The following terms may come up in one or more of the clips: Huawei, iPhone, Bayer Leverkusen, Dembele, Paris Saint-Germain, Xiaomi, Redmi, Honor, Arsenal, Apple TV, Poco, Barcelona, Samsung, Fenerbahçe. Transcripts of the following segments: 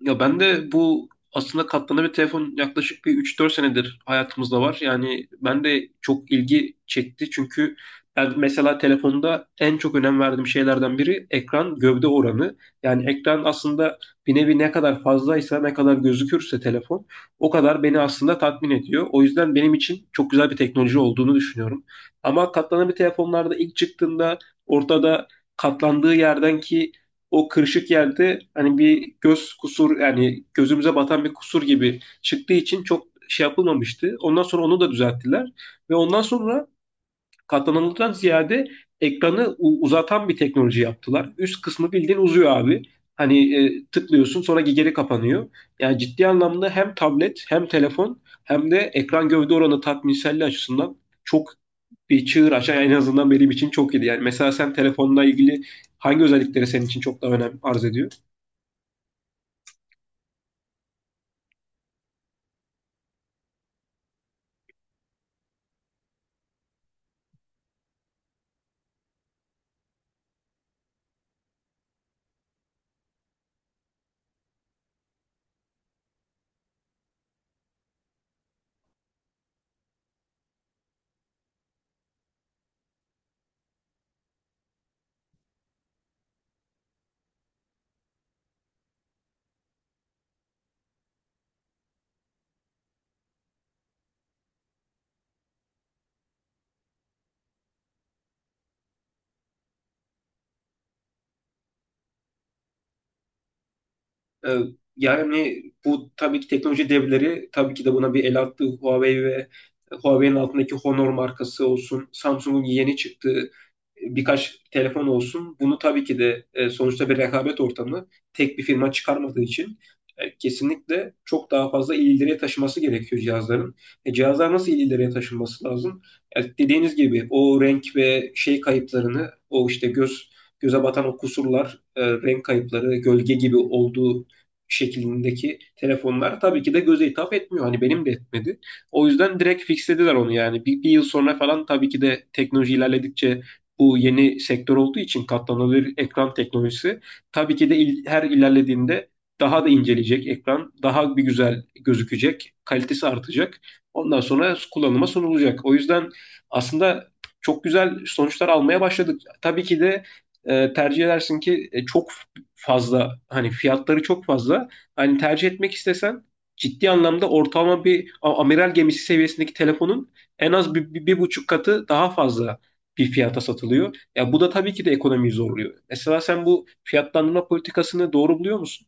Ya ben de bu aslında katlanabilir telefon yaklaşık bir üç dört senedir hayatımızda var. Yani ben de çok ilgi çekti çünkü ben mesela telefonda en çok önem verdiğim şeylerden biri ekran gövde oranı. Yani ekran aslında bir nevi ne kadar fazlaysa, ne kadar gözükürse telefon o kadar beni aslında tatmin ediyor. O yüzden benim için çok güzel bir teknoloji olduğunu düşünüyorum. Ama katlanabilir telefonlarda ilk çıktığında ortada katlandığı yerdenki o kırışık yerde hani bir göz kusur yani gözümüze batan bir kusur gibi çıktığı için çok şey yapılmamıştı. Ondan sonra onu da düzelttiler ve ondan sonra katlananlıktan ziyade ekranı uzatan bir teknoloji yaptılar. Üst kısmı bildiğin uzuyor abi. Hani tıklıyorsun sonra geri kapanıyor. Yani ciddi anlamda hem tablet hem telefon hem de ekran gövde oranı tatminselliği açısından çok bir çığır açan en azından benim için çok iyiydi. Yani mesela sen telefonla ilgili hangi özellikleri senin için çok daha önem arz ediyor? Ee, Yani bu tabii ki teknoloji devleri tabii ki de buna bir el attı. Huawei ve Huawei'nin altındaki Honor markası olsun, Samsung'un yeni çıktığı birkaç telefon olsun. Bunu tabii ki de sonuçta bir rekabet ortamı tek bir firma çıkarmadığı için kesinlikle çok daha fazla ileriye taşıması gerekiyor cihazların. Cihazlar nasıl ileriye taşınması lazım? Dediğiniz gibi o renk ve şey kayıplarını, o işte göz göze batan o kusurlar, renk kayıpları, gölge gibi olduğu şeklindeki telefonlar tabii ki de göze hitap etmiyor. Hani benim de etmedi. O yüzden direkt fixlediler onu yani. Bir, bir yıl sonra falan tabii ki de teknoloji ilerledikçe bu yeni sektör olduğu için katlanabilir ekran teknolojisi tabii ki de her ilerlediğinde daha da inceleyecek ekran, daha bir güzel gözükecek, kalitesi artacak. Ondan sonra kullanıma sunulacak. O yüzden aslında çok güzel sonuçlar almaya başladık. Tabii ki de tercih edersin ki çok fazla hani fiyatları çok fazla. Hani tercih etmek istesen ciddi anlamda ortalama bir amiral gemisi seviyesindeki telefonun en az bir buçuk katı daha fazla bir fiyata satılıyor. Ya bu da tabii ki de ekonomiyi zorluyor. Mesela sen bu fiyatlandırma politikasını doğru buluyor musun?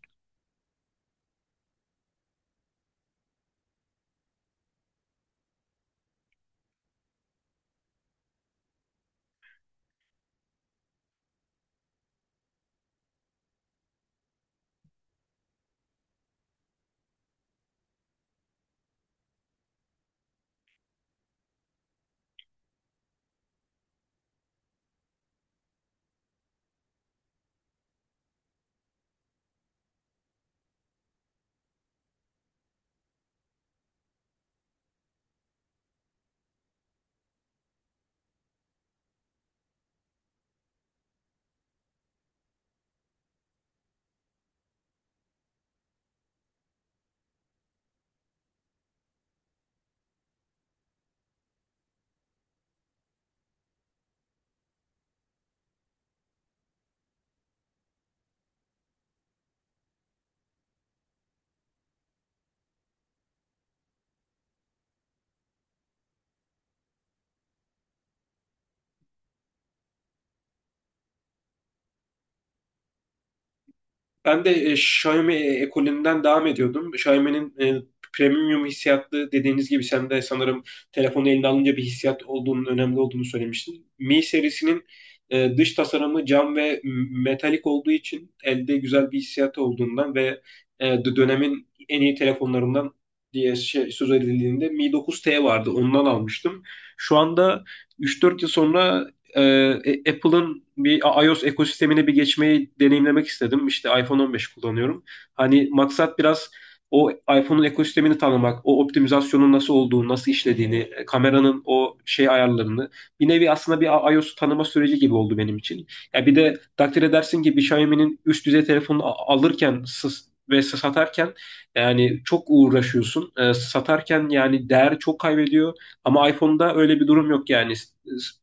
Ben de Xiaomi ekolünden devam ediyordum. Xiaomi'nin premium hissiyatlı dediğiniz gibi sen de sanırım telefonu eline alınca bir hissiyat olduğunun önemli olduğunu söylemiştin. Mi serisinin dış tasarımı cam ve metalik olduğu için elde güzel bir hissiyatı olduğundan ve dönemin en iyi telefonlarından diye şey, söz edildiğinde Mi 9T vardı. Ondan almıştım. Şu anda 3-4 yıl sonra e, Apple'ın bir iOS ekosistemine bir geçmeyi deneyimlemek istedim. İşte iPhone 15 kullanıyorum. Hani maksat biraz o iPhone'un ekosistemini tanımak, o optimizasyonun nasıl olduğunu, nasıl işlediğini, kameranın o şey ayarlarını. Bir nevi aslında bir iOS tanıma süreci gibi oldu benim için. Ya bir de takdir edersin ki bir Xiaomi'nin üst düzey telefonunu alırken ve satarken yani çok uğraşıyorsun. Satarken yani değer çok kaybediyor. Ama iPhone'da öyle bir durum yok yani. S-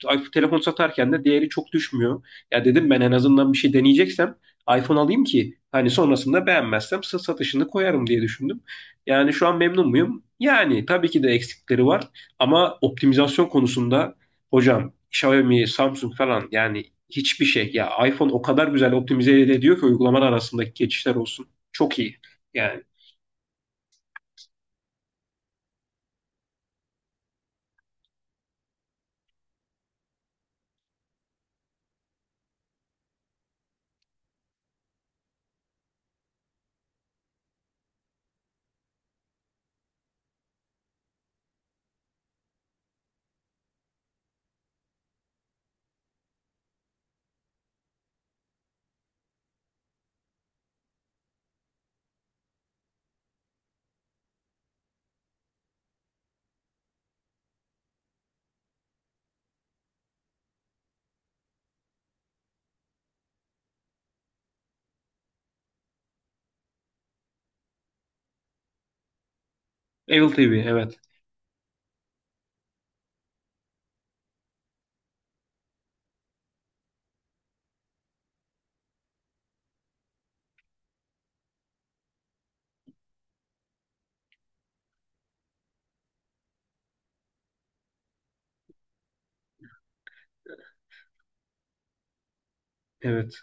s- Telefon satarken de değeri çok düşmüyor. Ya dedim ben en azından bir şey deneyeceksem iPhone alayım ki hani sonrasında beğenmezsem satışını koyarım diye düşündüm. Yani şu an memnun muyum? Yani tabii ki de eksikleri var ama optimizasyon konusunda hocam Xiaomi, Samsung falan yani hiçbir şey. Ya iPhone o kadar güzel optimize ediyor ki uygulamalar arasındaki geçişler olsun. Çok iyi. Yani Apple TV evet. Evet.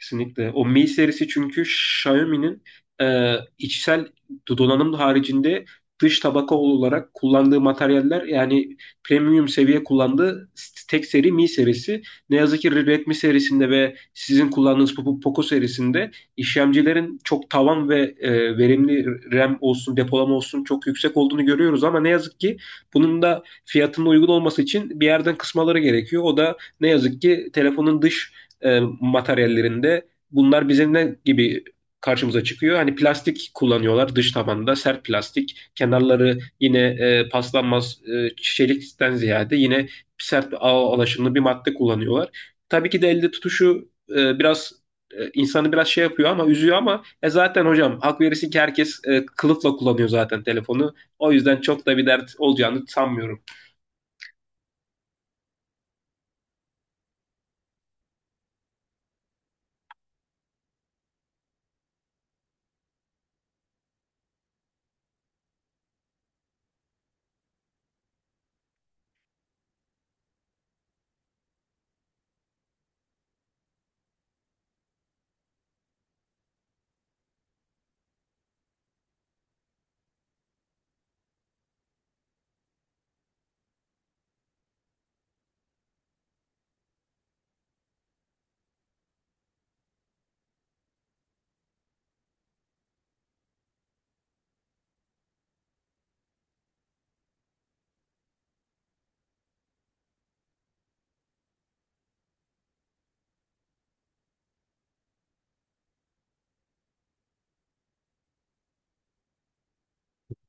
Kesinlikle. O Mi serisi çünkü Xiaomi'nin içsel donanım haricinde dış tabaka olarak kullandığı materyaller yani premium seviye kullandığı tek seri Mi serisi. Ne yazık ki Redmi serisinde ve sizin kullandığınız Poco serisinde işlemcilerin çok tavan ve verimli RAM olsun, depolama olsun çok yüksek olduğunu görüyoruz ama ne yazık ki bunun da fiyatının uygun olması için bir yerden kısmaları gerekiyor. O da ne yazık ki telefonun dış materyallerinde bunlar bizim ne gibi karşımıza çıkıyor? Hani plastik kullanıyorlar dış tabanda sert plastik. Kenarları yine paslanmaz çelikten ziyade yine sert ağ alaşımlı bir madde kullanıyorlar. Tabii ki de elde tutuşu biraz insanı biraz şey yapıyor ama üzüyor ama zaten hocam hak verirsin ki herkes kılıfla kullanıyor zaten telefonu. O yüzden çok da bir dert olacağını sanmıyorum.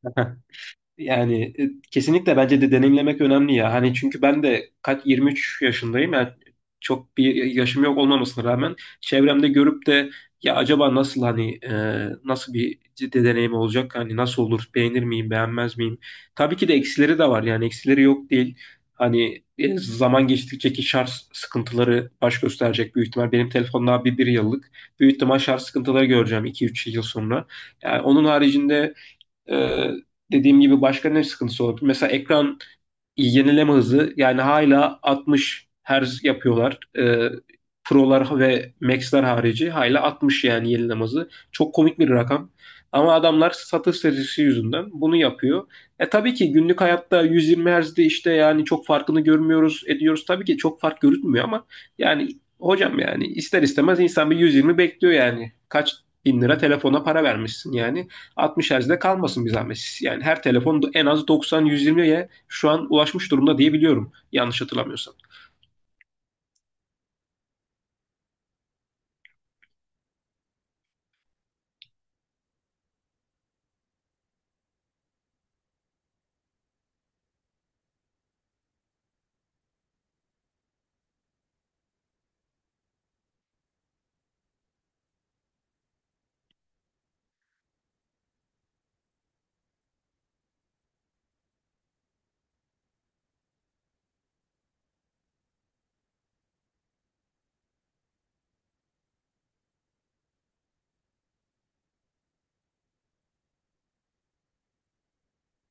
Yani kesinlikle bence de deneyimlemek önemli ya. Hani çünkü ben de kaç 23 yaşındayım. Yani çok bir yaşım yok olmamasına rağmen çevremde görüp de ya acaba nasıl hani nasıl bir ciddi deneyim olacak? Hani nasıl olur? Beğenir miyim, beğenmez miyim? Tabii ki de eksileri de var. Yani eksileri yok değil. Hani zaman geçtikçe ki şarj sıkıntıları baş gösterecek büyük ihtimal. Benim telefonum daha bir yıllık. Büyük ihtimal şarj sıkıntıları göreceğim iki üç yıl sonra. Yani onun haricinde ee, dediğim gibi başka ne sıkıntısı olabilir? Mesela ekran yenileme hızı yani hala 60 Hz yapıyorlar. Pro'lar ve maxlar harici hala 60 yani yenileme hızı. Çok komik bir rakam. Ama adamlar satış stratejisi yüzünden bunu yapıyor. E tabii ki günlük hayatta 120 Hz'de işte yani çok farkını görmüyoruz, ediyoruz. Tabii ki çok fark görünmüyor ama yani hocam yani ister istemez insan bir 120 bekliyor yani. Kaç bin lira telefona para vermişsin yani. 60 Hz'de kalmasın bir zahmet. Yani her telefon en az 90-120'ye şu an ulaşmış durumda diye biliyorum. Yanlış hatırlamıyorsam.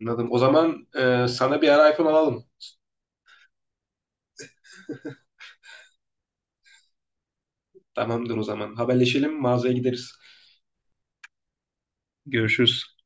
Anladım. O zaman sana bir ara iPhone alalım. Tamamdır o zaman. Haberleşelim, mağazaya gideriz. Görüşürüz.